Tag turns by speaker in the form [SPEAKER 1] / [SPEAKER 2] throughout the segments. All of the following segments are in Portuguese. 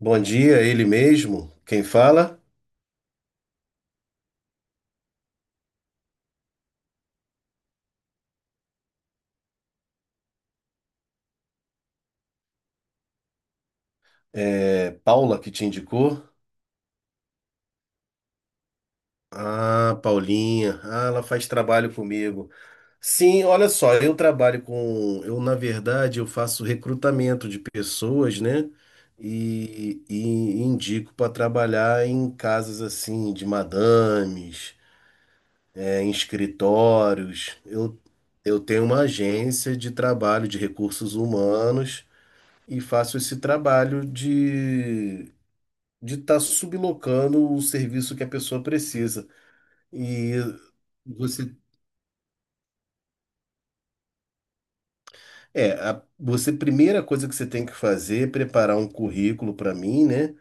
[SPEAKER 1] Bom dia, ele mesmo. Quem fala? É Paula que te indicou? Ah, Paulinha. Ah, ela faz trabalho comigo. Sim, olha só, eu na verdade eu faço recrutamento de pessoas, né? E indico para trabalhar em casas assim de madames, é, em escritórios. Eu tenho uma agência de trabalho de recursos humanos e faço esse trabalho de estar sublocando o serviço que a pessoa precisa. E você, é, você, primeira coisa que você tem que fazer é preparar um currículo para mim, né?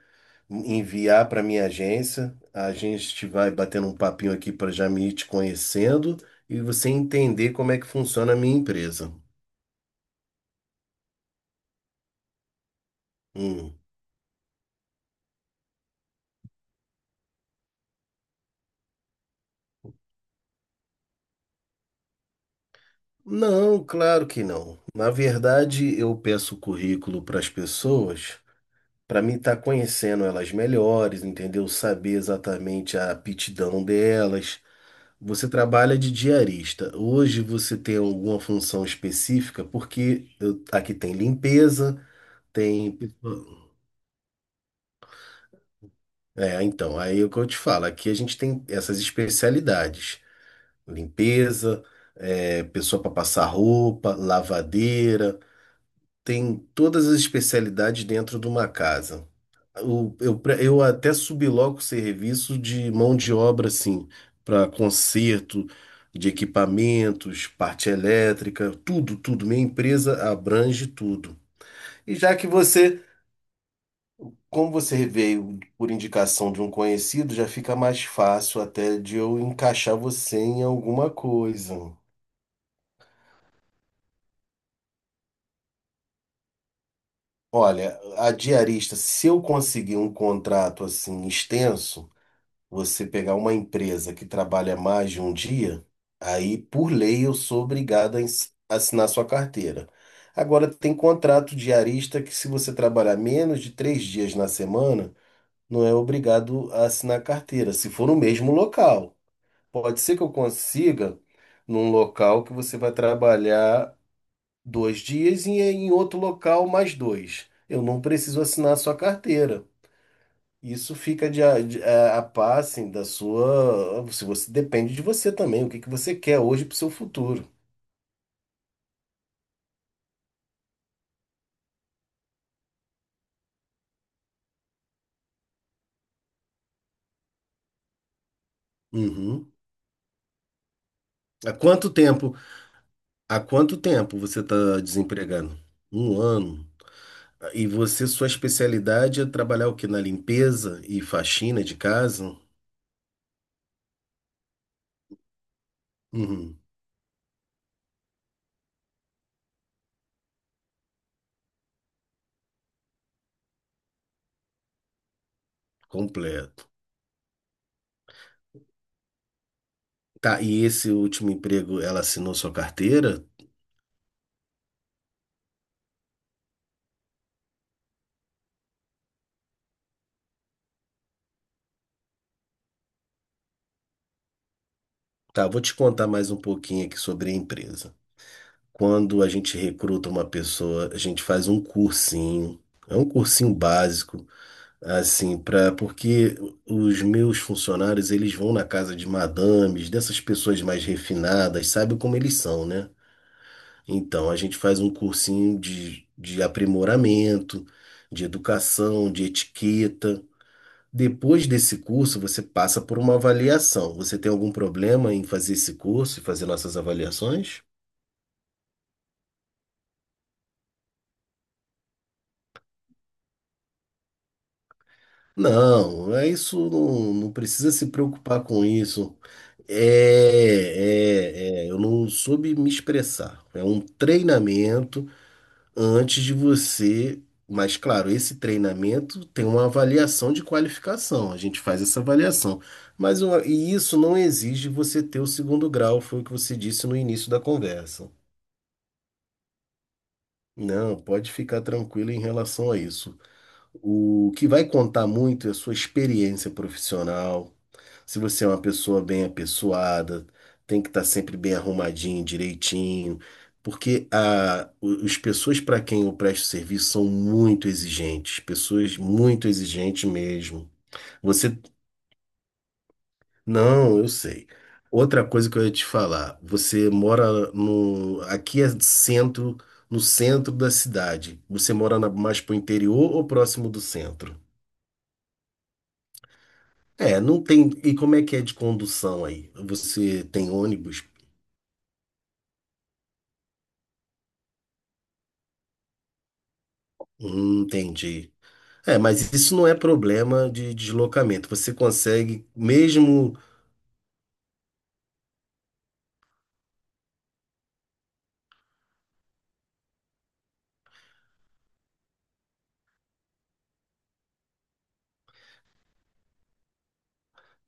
[SPEAKER 1] Enviar para minha agência. A gente vai batendo um papinho aqui para já me ir te conhecendo e você entender como é que funciona a minha empresa. Hum. Não, claro que não. Na verdade, eu peço o currículo para as pessoas para mim estar conhecendo elas melhores, entendeu? Saber exatamente a aptidão delas. Você trabalha de diarista. Hoje você tem alguma função específica? Porque aqui tem limpeza, tem. É, então, aí é o que eu te falo. Aqui a gente tem essas especialidades: limpeza, é, pessoa para passar roupa, lavadeira. Tem todas as especialidades dentro de uma casa. Eu até subloco serviço de mão de obra, assim, para conserto de equipamentos, parte elétrica, tudo, tudo. Minha empresa abrange tudo. E já que você, Como você veio por indicação de um conhecido, já fica mais fácil até de eu encaixar você em alguma coisa. Olha, a diarista, se eu conseguir um contrato assim extenso, você pegar uma empresa que trabalha mais de um dia, aí por lei eu sou obrigado a assinar sua carteira. Agora tem contrato diarista que se você trabalhar menos de três dias na semana, não é obrigado a assinar carteira, se for no mesmo local. Pode ser que eu consiga num local que você vai trabalhar dois dias e em outro local mais dois. Eu não preciso assinar sua carteira. Isso fica de, a par, assim, da sua. Se você depende de você também, o que que você quer hoje para o seu futuro. Uhum. Há quanto tempo, há quanto tempo você está desempregado? Um ano. E você, sua especialidade é trabalhar o quê? Na limpeza e faxina de casa? Uhum. Completo. Tá, e esse último emprego, ela assinou sua carteira? Tá, vou te contar mais um pouquinho aqui sobre a empresa. Quando a gente recruta uma pessoa, a gente faz um cursinho, é um cursinho básico, assim, para porque os meus funcionários, eles vão na casa de madames, dessas pessoas mais refinadas, sabe como eles são, né? Então, a gente faz um cursinho de aprimoramento, de educação, de etiqueta. Depois desse curso, você passa por uma avaliação. Você tem algum problema em fazer esse curso e fazer nossas avaliações? Não, é isso não, não precisa se preocupar com isso. É, eu não soube me expressar. É um treinamento antes de você. Mas, claro, esse treinamento tem uma avaliação de qualificação. A gente faz essa avaliação. Mas isso não exige você ter o segundo grau, foi o que você disse no início da conversa. Não, pode ficar tranquilo em relação a isso. O que vai contar muito é a sua experiência profissional. Se você é uma pessoa bem apessoada, tem que estar sempre bem arrumadinho, direitinho, porque as pessoas para quem eu presto serviço são muito exigentes, pessoas muito exigentes mesmo. Você, não, eu sei. Outra coisa que eu ia te falar, você mora no, aqui é centro, no centro da cidade. Você mora mais pro interior ou próximo do centro? É, não tem. E como é que é de condução aí? Você tem ônibus? Entendi. É, mas isso não é problema de deslocamento. Você consegue, mesmo.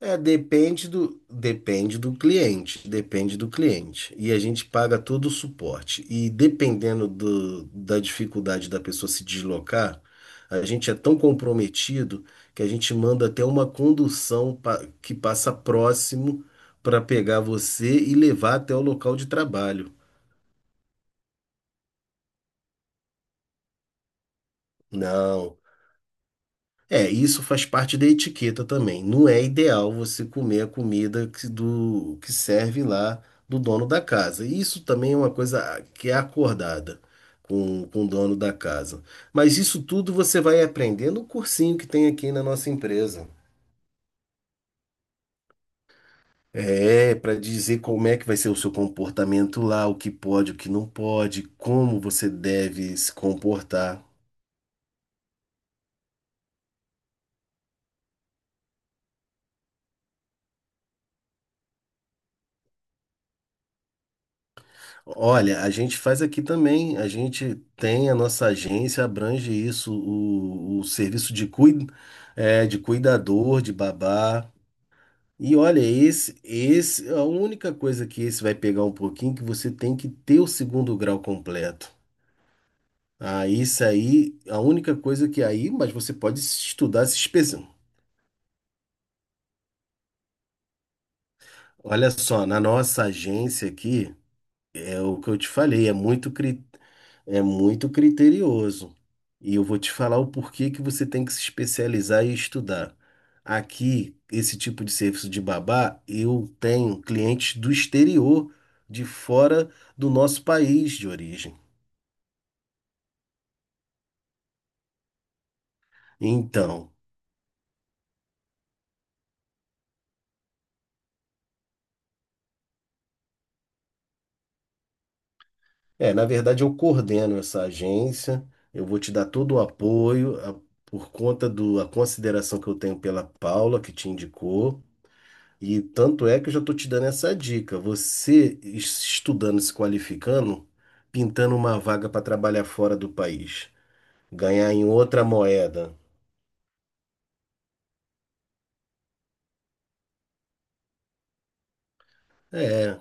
[SPEAKER 1] É, depende do cliente, depende do cliente. E a gente paga todo o suporte. E dependendo da dificuldade da pessoa se deslocar, a gente é tão comprometido que a gente manda até uma condução que passa próximo para pegar você e levar até o local de trabalho. Não. É, isso faz parte da etiqueta também. Não é ideal você comer a comida que serve lá do dono da casa. Isso também é uma coisa que é acordada com o dono da casa. Mas isso tudo você vai aprender no cursinho que tem aqui na nossa empresa. É, para dizer como é que vai ser o seu comportamento lá, o que pode, o que não pode, como você deve se comportar. Olha, a gente faz aqui também. A gente tem a nossa agência, abrange isso, o serviço de cuidador, de babá. E olha, a única coisa que esse vai pegar um pouquinho, é que você tem que ter o segundo grau completo. Ah, isso aí, a única coisa que aí, mas você pode estudar, se especializar. Olha só, na nossa agência aqui, é o que eu te falei, é muito criterioso. E eu vou te falar o porquê que você tem que se especializar e estudar. Aqui, esse tipo de serviço de babá, eu tenho clientes do exterior, de fora do nosso país de origem. Então, é, na verdade, eu coordeno essa agência, eu vou te dar todo o apoio, por conta do, a consideração que eu tenho pela Paula, que te indicou. E tanto é que eu já estou te dando essa dica. Você estudando, se qualificando, pintando uma vaga para trabalhar fora do país, ganhar em outra moeda. É.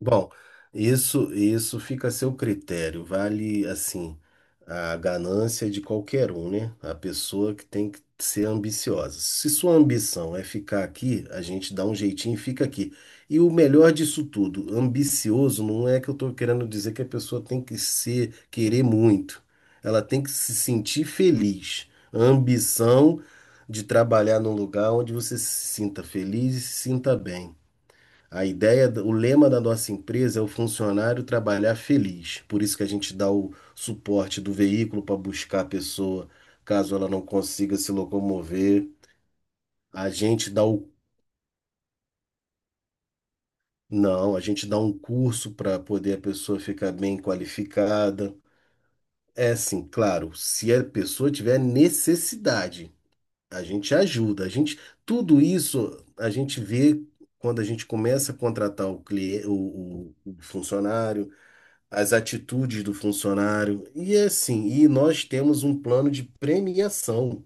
[SPEAKER 1] Bom, isso fica a seu critério. Vale assim a ganância de qualquer um, né? A pessoa que tem que ser ambiciosa. Se sua ambição é ficar aqui, a gente dá um jeitinho e fica aqui. E o melhor disso tudo, ambicioso não é que eu estou querendo dizer que a pessoa tem que ser querer muito. Ela tem que se sentir feliz. A ambição de trabalhar num lugar onde você se sinta feliz e se sinta bem. A ideia, o lema da nossa empresa é o funcionário trabalhar feliz. Por isso que a gente dá o suporte do veículo para buscar a pessoa, caso ela não consiga se locomover. A gente dá o, não, a gente dá um curso para poder a pessoa ficar bem qualificada. É assim, claro, se a pessoa tiver necessidade, a gente ajuda. Tudo isso a gente vê quando a gente começa a contratar o cliente, o funcionário, as atitudes do funcionário. E é assim, e nós temos um plano de premiação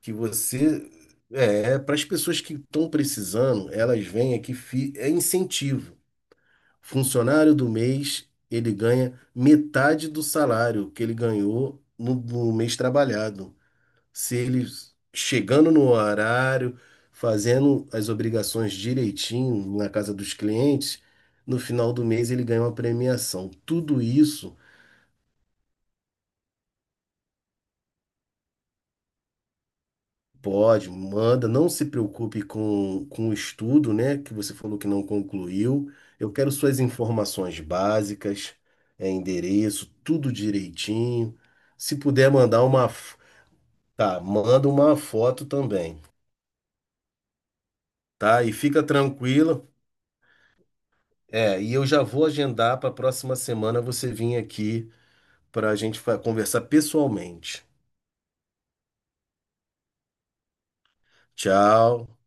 [SPEAKER 1] que você é é para as pessoas que estão precisando, elas vêm aqui, é incentivo. Funcionário do mês, ele ganha metade do salário que ele ganhou no mês trabalhado. Se ele chegando no horário, fazendo as obrigações direitinho na casa dos clientes, no final do mês ele ganha uma premiação. Tudo isso. Pode, manda, não se preocupe com o estudo, né, que você falou que não concluiu. Eu quero suas informações básicas, é, endereço, tudo direitinho. Se puder mandar manda uma foto também, tá? E fica tranquila. É, e eu já vou agendar para a próxima semana você vir aqui para a gente conversar pessoalmente. Tchau.